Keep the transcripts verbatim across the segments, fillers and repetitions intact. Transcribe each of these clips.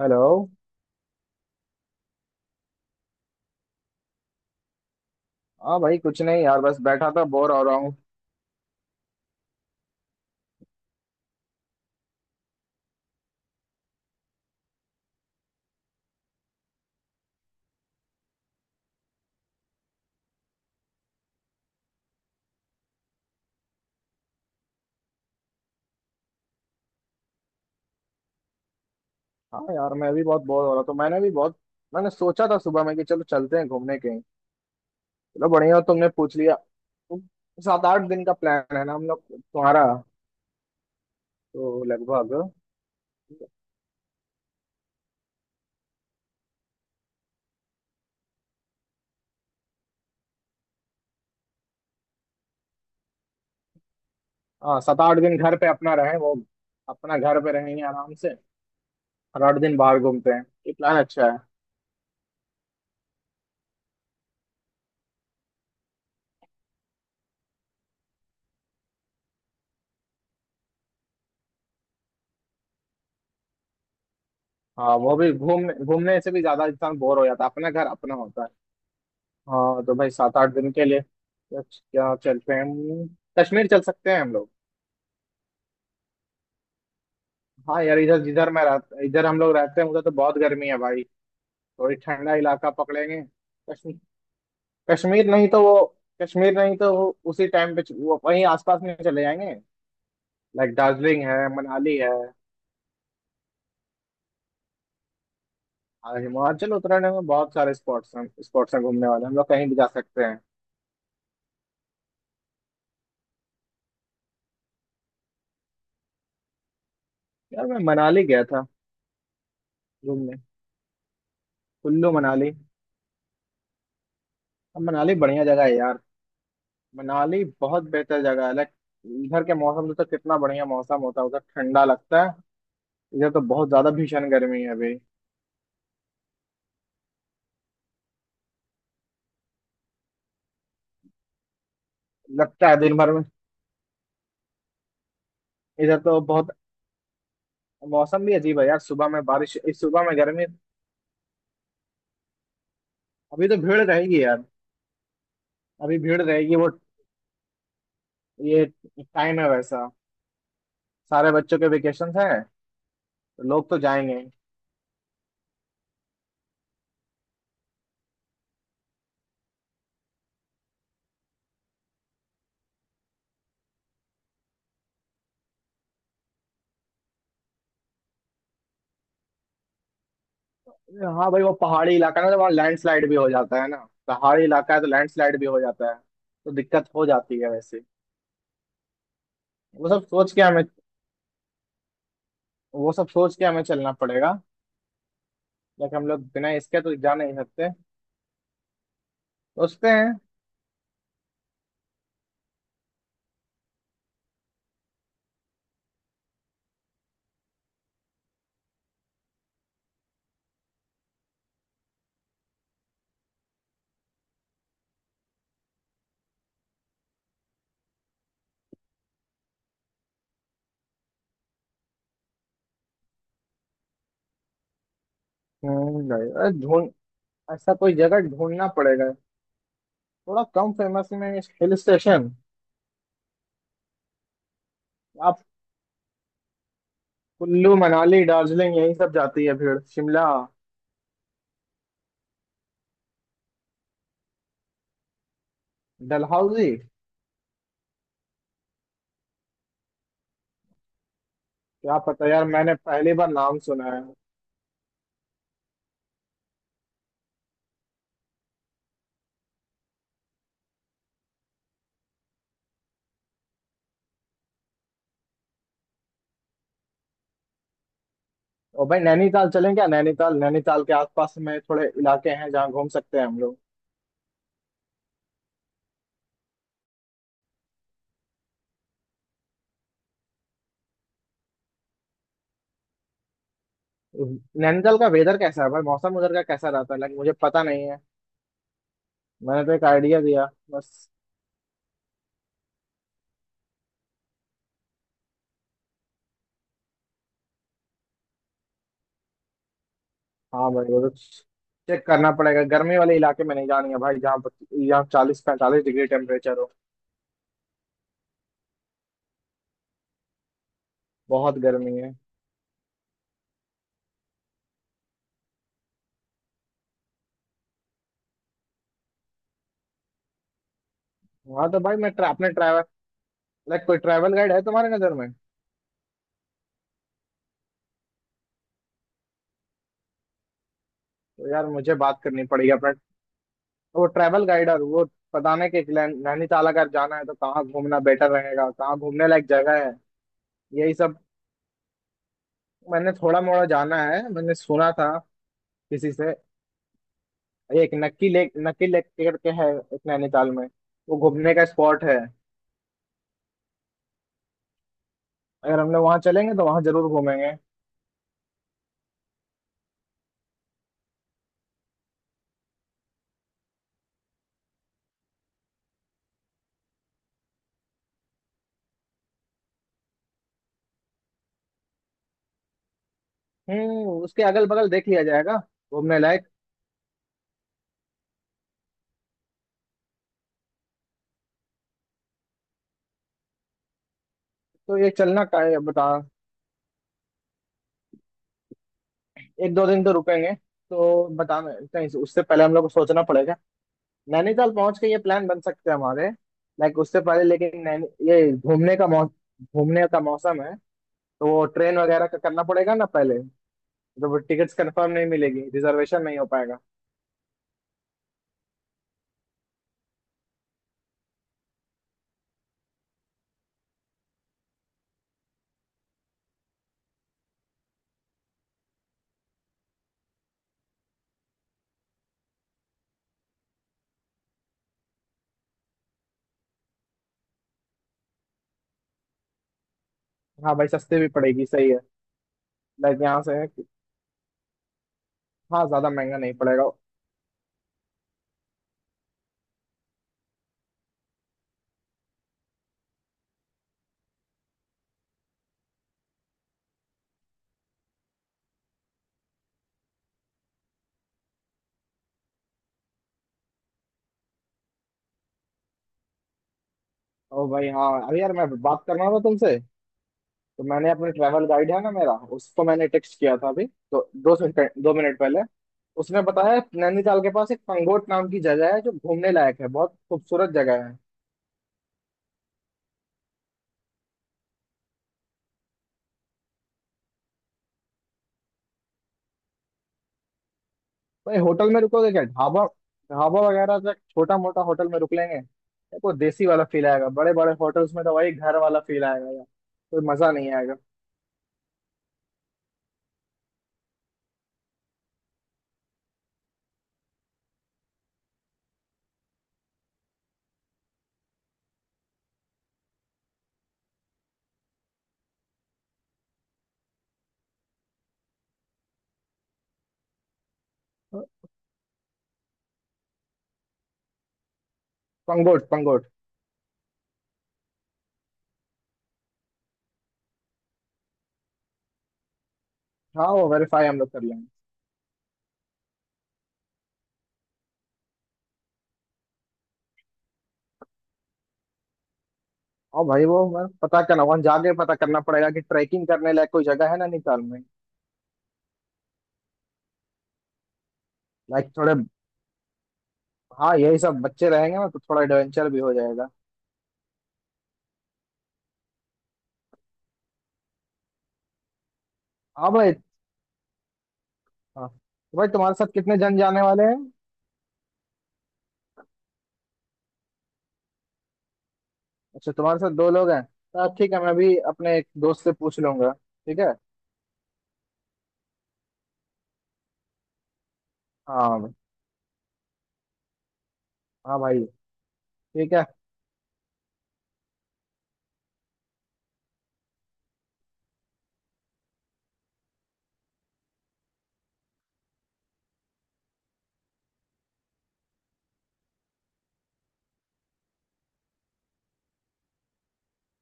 Hello. हाँ भाई, कुछ नहीं यार, बस बैठा था, बोर हो रहा हूँ। हाँ यार, मैं भी बहुत बोर हो रहा था। मैंने भी बहुत मैंने सोचा था सुबह में कि चलो चलते हैं घूमने कहीं। चलो बढ़िया हुआ तुमने पूछ लिया। तो सात आठ दिन का प्लान है ना हम लोग तुम्हारा। तो लगभग। हाँ, सात आठ दिन घर पे अपना रहे वो, अपना घर पे रहेंगे आराम से, और आठ दिन बाहर घूमते हैं। ये प्लान अच्छा है। हाँ, वो भी घूमने घूमने से भी ज्यादा इंसान बोर हो जाता है, अपना घर अपना होता है। हाँ तो भाई, सात आठ दिन के लिए क्या क्या चलते हैं? कश्मीर चल सकते हैं हम लोग। हाँ यार, इधर जिधर मैं रह इधर हम लोग रहते हैं, उधर तो बहुत गर्मी है भाई। थोड़ी ठंडा इलाका पकड़ेंगे। कश्मीर। कश्मीर नहीं तो वो। कश्मीर नहीं तो वो, उसी टाइम पे च- वो वहीं आसपास में चले जाएंगे। लाइक दार्जिलिंग है, मनाली है। और हिमाचल उत्तराखंड में बहुत सारे स्पॉट्स हैं, स्पॉट्स हैं घूमने वाले, हम लोग कहीं भी जा सकते हैं। यार मैं मनाली गया था घूमने, कुल्लू मनाली। अब मनाली बढ़िया जगह है यार। मनाली बहुत बेहतर जगह है, लाइक इधर के मौसम से तो कितना बढ़िया मौसम होता है, उधर ठंडा लगता है। इधर तो बहुत ज्यादा भीषण गर्मी है अभी। लगता है दिन भर में। इधर तो बहुत, मौसम भी अजीब है यार, सुबह में बारिश, इस सुबह में गर्मी। अभी तो भीड़ रहेगी यार। अभी भीड़ रहेगी वो, ये टाइम है वैसा। सारे बच्चों के वेकेशन है, तो लोग तो जाएंगे। हाँ भाई, वो पहाड़ी इलाका है ना, तो वहाँ लैंडस्लाइड भी हो जाता है ना। पहाड़ी इलाका है तो लैंडस्लाइड भी हो जाता है, तो दिक्कत हो जाती है वैसे। वो सब सोच के हमें वो सब सोच के हमें चलना पड़ेगा। लेकिन हम लोग बिना इसके तो जा नहीं सकते, सोचते हैं। हम्म, नहीं, अरे ढूंढ, ऐसा कोई जगह ढूंढना पड़ेगा, थोड़ा कम फेमस में, हिल स्टेशन। आप कुल्लू मनाली दार्जिलिंग, यही सब जाती है भीड़, शिमला, डलहौजी। क्या पता यार, मैंने पहली बार नाम सुना है। और भाई, नैनीताल चलें क्या? नैनीताल, नैनीताल के आसपास में थोड़े इलाके हैं जहाँ घूम सकते हैं हम लोग। नैनीताल का वेदर कैसा है भाई? मौसम उधर का कैसा रहता है? लाइक मुझे पता नहीं है। मैंने तो एक आइडिया दिया, बस। हाँ भाई वो तो, चेक करना पड़ेगा। गर्मी वाले इलाके में नहीं जानी है भाई, जहाँ जहाँ चालीस पैंतालीस डिग्री टेम्परेचर हो। बहुत गर्मी है। हाँ तो भाई, मैं tra- अपने ट्रैवल, लाइक कोई ट्रैवल गाइड है तुम्हारे नज़र में? तो यार मुझे बात करनी पड़ेगी अपना, वो ट्रैवल गाइड, और वो बताने के कि नैन- नैनीताल अगर जाना है तो कहाँ घूमना बेटर रहेगा, कहाँ घूमने लायक जगह है, यही सब। मैंने थोड़ा मोड़ा जाना है, मैंने सुना था किसी से, एक नक्की लेक, नक्की लेक करके है एक नैनीताल में। वो घूमने का स्पॉट है। अगर हमने वहाँ चलेंगे तो वहाँ जरूर घूमेंगे। हम्म, उसके अगल बगल देख लिया जाएगा घूमने लायक। तो ये चलना का है बता। एक दो दिन तो रुकेंगे। तो बताना, कहीं से- उससे पहले हम लोग को सोचना पड़ेगा। नैनीताल पहुंच के ये प्लान बन सकते हैं हमारे। लाइक उससे पहले, लेकिन नैनी ये घूमने का मौ, घूमने का मौसम है, तो वो ट्रेन वगैरह का करना पड़ेगा ना पहले, तो वो टिकट्स कंफर्म नहीं मिलेगी, रिजर्वेशन नहीं हो पाएगा। हाँ भाई, सस्ते भी पड़ेगी, सही है। लाइक यहाँ से है कि- हाँ ज्यादा महंगा नहीं पड़ेगा। ओ भाई हाँ, अरे यार मैं बात करना था तुमसे। तो मैंने अपने ट्रैवल गाइड है ना मेरा, उसको मैंने टेक्स्ट किया था अभी तो, दो मिनट दो मिनट पहले। उसने बताया नैनीताल के पास एक पंगोट नाम की जगह है जो घूमने लायक है, बहुत खूबसूरत जगह है। भाई होटल में रुकोगे क्या, ढाबा? ढाबा वगैरह, तो छोटा मोटा होटल में रुक लेंगे, देखो देसी वाला फील आएगा, बड़े बड़े होटल्स में तो वही घर वाला फील आएगा यार, कोई मजा नहीं आएगा। पंगोट, पंगोट। हाँ, वो वेरीफाई हम लोग कर लेंगे। और भाई वो मैं पता करना, वहां जाके पता करना पड़ेगा कि ट्रैकिंग करने लायक कोई जगह है ना नैनीताल में। लाइक थोड़े, हाँ यही सब, बच्चे रहेंगे ना तो थोड़ा एडवेंचर भी हो जाएगा। हाँ भाई। हाँ तो भाई, तुम्हारे साथ कितने जन जाने वाले हैं? अच्छा, तुम्हारे साथ दो लोग हैं तो ठीक है, मैं भी अपने एक दोस्त से पूछ लूंगा, ठीक है। हाँ। हाँ भाई ठीक है।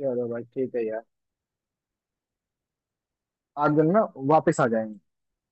चलो भाई ठीक है यार। आठ दिन में वापस आ जाएंगे।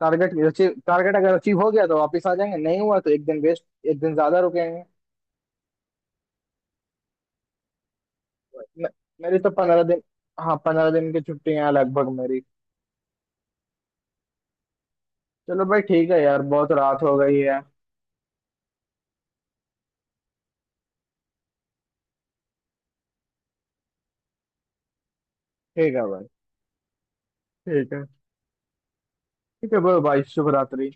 टारगेट अचीव, टारगेट अगर अचीव हो गया तो वापस आ जाएंगे, नहीं हुआ तो एक दिन वेस्ट, एक दिन ज्यादा रुकेंगे। मे- मेरी तो पंद्रह दिन, हाँ पंद्रह दिन की छुट्टियां हैं लगभग मेरी। चलो भाई ठीक है यार, बहुत रात हो गई है। ठीक है भाई। ठीक है। ठीक है भाई, भाई शुभ रात्रि।